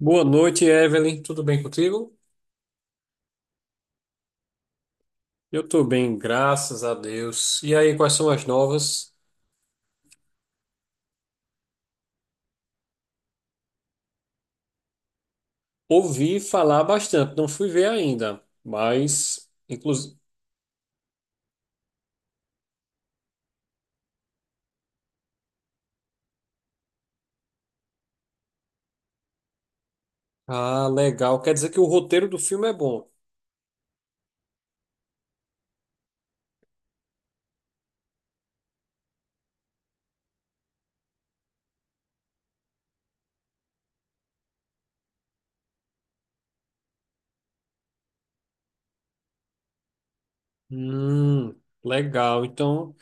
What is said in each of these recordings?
Boa noite, Evelyn. Tudo bem contigo? Eu tô bem, graças a Deus. E aí, quais são as novas? Ouvi falar bastante, não fui ver ainda, mas inclusive. Ah, legal. Quer dizer que o roteiro do filme é bom. Hum, legal. Então,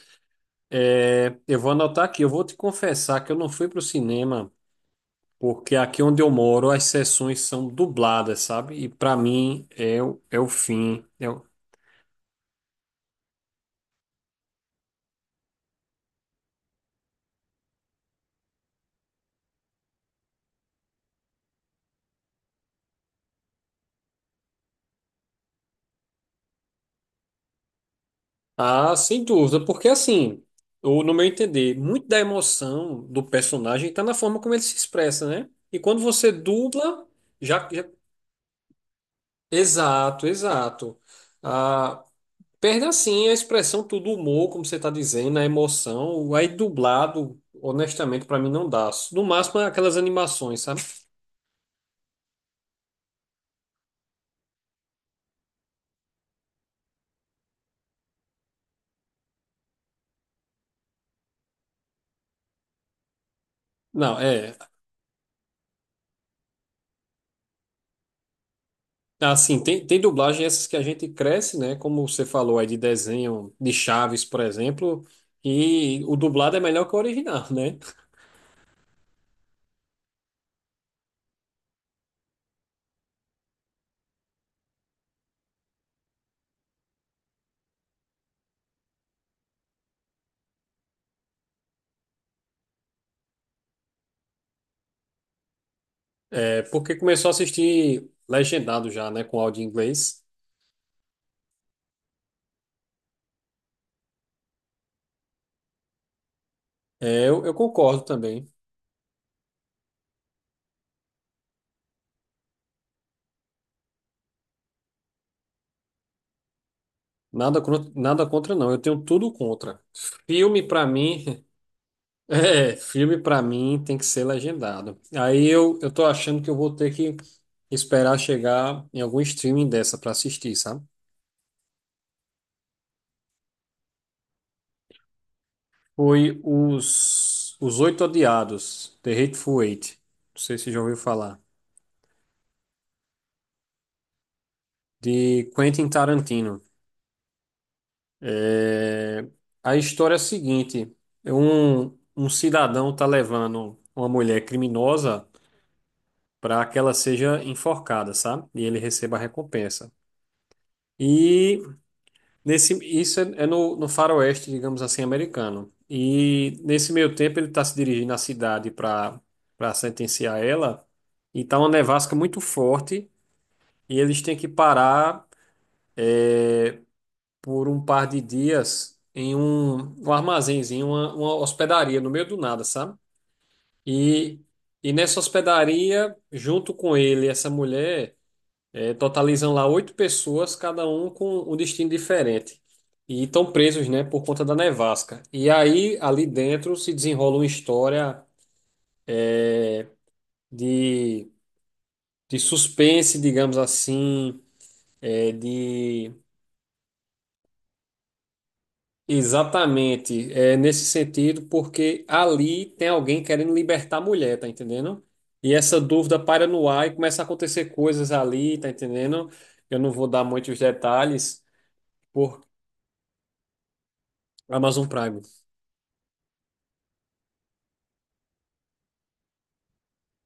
eu vou anotar aqui. Eu vou te confessar que eu não fui pro cinema, porque aqui onde eu moro as sessões são dubladas, sabe? E para mim é o fim. Ah, sem dúvida, porque assim, eu, no meu entender, muito da emoção do personagem está na forma como ele se expressa, né? E quando você dubla, já, já- exato, exato. Ah, perde assim a expressão, tudo o humor, como você está dizendo, a emoção. Aí dublado, honestamente, para mim não dá. No máximo, aquelas animações, sabe? Não, é. Ah, sim, tem dublagem essas que a gente cresce, né? Como você falou aí de desenho de Chaves, por exemplo, e o dublado é melhor que o original, né? É, porque começou a assistir legendado já, né? Com áudio em inglês. É, eu concordo também. Nada contra, não. Eu tenho tudo contra. Filme, pra mim. É, filme, pra mim, tem que ser legendado. Aí eu tô achando que eu vou ter que esperar chegar em algum streaming dessa pra assistir, sabe? Foi os Oito Odiados, The Hateful Eight. Não sei se já ouviu falar. De Quentin Tarantino. É, a história é a seguinte: é um cidadão tá levando uma mulher criminosa para que ela seja enforcada, sabe? E ele receba a recompensa. E nesse, no faroeste, digamos assim, americano. E nesse meio tempo ele está se dirigindo à cidade para sentenciar ela. E tá uma nevasca muito forte e eles têm que parar por um par de dias em um armazenzinho, uma hospedaria no meio do nada, sabe? E, e nessa hospedaria, junto com ele, e essa mulher. É, totalizam lá oito pessoas, cada um com um destino diferente. E estão presos, né, por conta da nevasca. E aí, ali dentro, se desenrola uma história é, de, de suspense, digamos assim, é, de exatamente é, nesse sentido, porque ali tem alguém querendo libertar a mulher, tá entendendo? E essa dúvida paira no ar e começa a acontecer coisas ali, tá entendendo? Eu não vou dar muitos detalhes por Amazon Prime.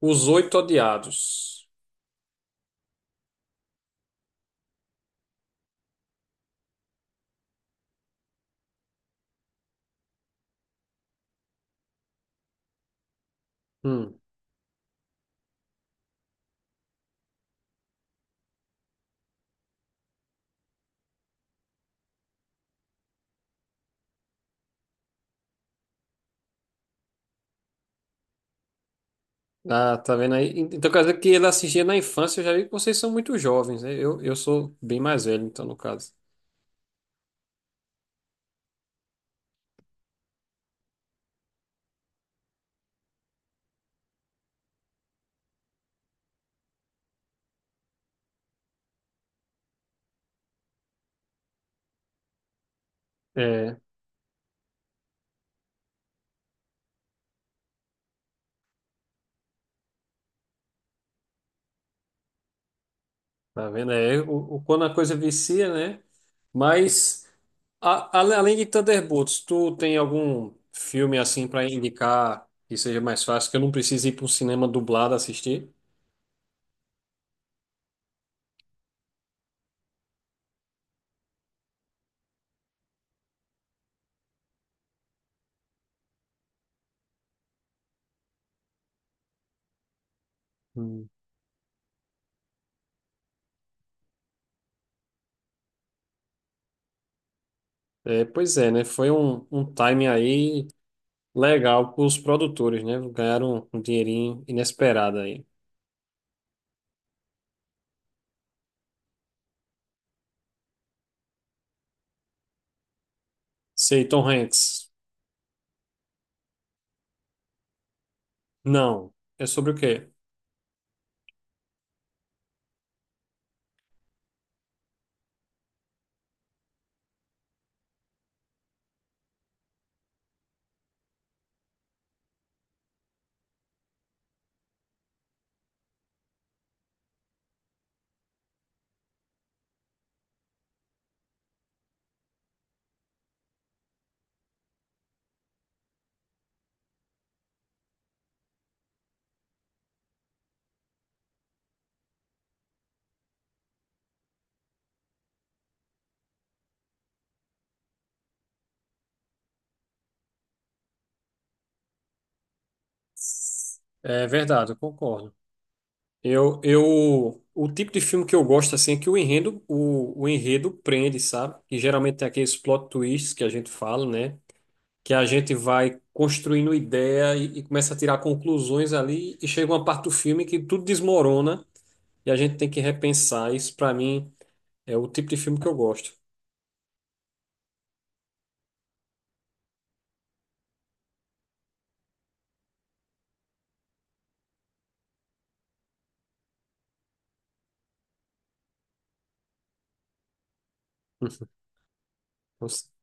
Os Oito Odiados. Hum. Ah, tá vendo aí? Então quer dizer que ele assistia na infância, eu já vi que vocês são muito jovens, né? Eu sou bem mais velho, então, no caso. É, tá vendo? É, quando a coisa vicia, né? Mas, além de Thunderbolts, tu tem algum filme assim pra indicar que seja mais fácil, que eu não precise ir para um cinema dublado assistir? Hum. É, pois é, né? Foi um timing aí legal para os produtores, né? Ganharam um dinheirinho inesperado aí. Sei, Tom Hanks. Não. É sobre o quê? É verdade, eu concordo. O tipo de filme que eu gosto assim é que o enredo, o enredo prende, sabe? E geralmente tem aqueles plot twists que a gente fala, né? Que a gente vai construindo ideia e começa a tirar conclusões ali e chega uma parte do filme que tudo desmorona e a gente tem que repensar. Isso pra mim é o tipo de filme que eu gosto.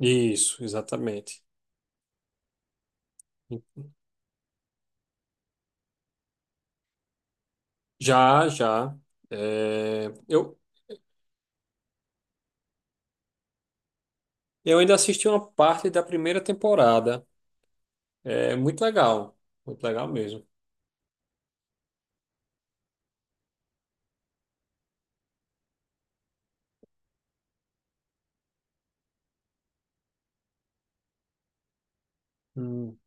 Isso, exatamente. Já, já. É, eu ainda assisti uma parte da primeira temporada. É muito legal. Muito legal mesmo. Hum,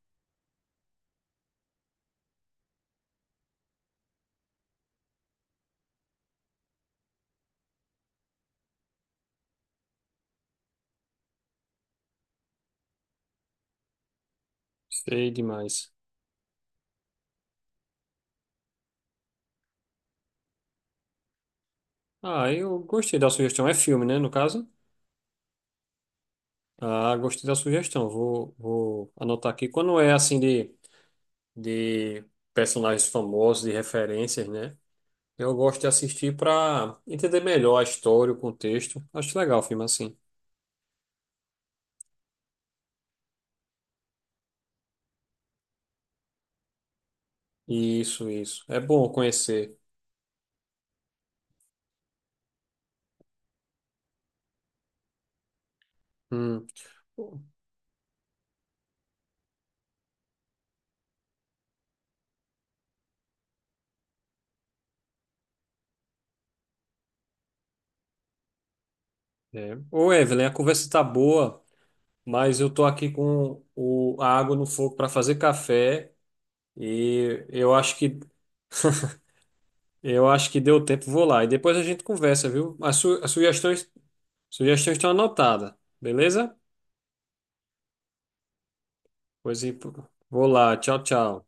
sei demais. Ah, eu gostei da sugestão. É filme, né, no caso? Ah, gostei da sugestão. Vou anotar aqui. Quando é assim de personagens famosos, de referências, né? Eu gosto de assistir para entender melhor a história, o contexto. Acho legal o filme assim. Isso, isso. É bom conhecer. Hum. É. Ô, Evelyn, a conversa tá boa, mas eu tô aqui com a água no fogo para fazer café e eu acho que eu acho que deu tempo, vou lá. E depois a gente conversa, viu? As sugestões, estão anotadas, beleza? Pois é, vou lá, tchau, tchau.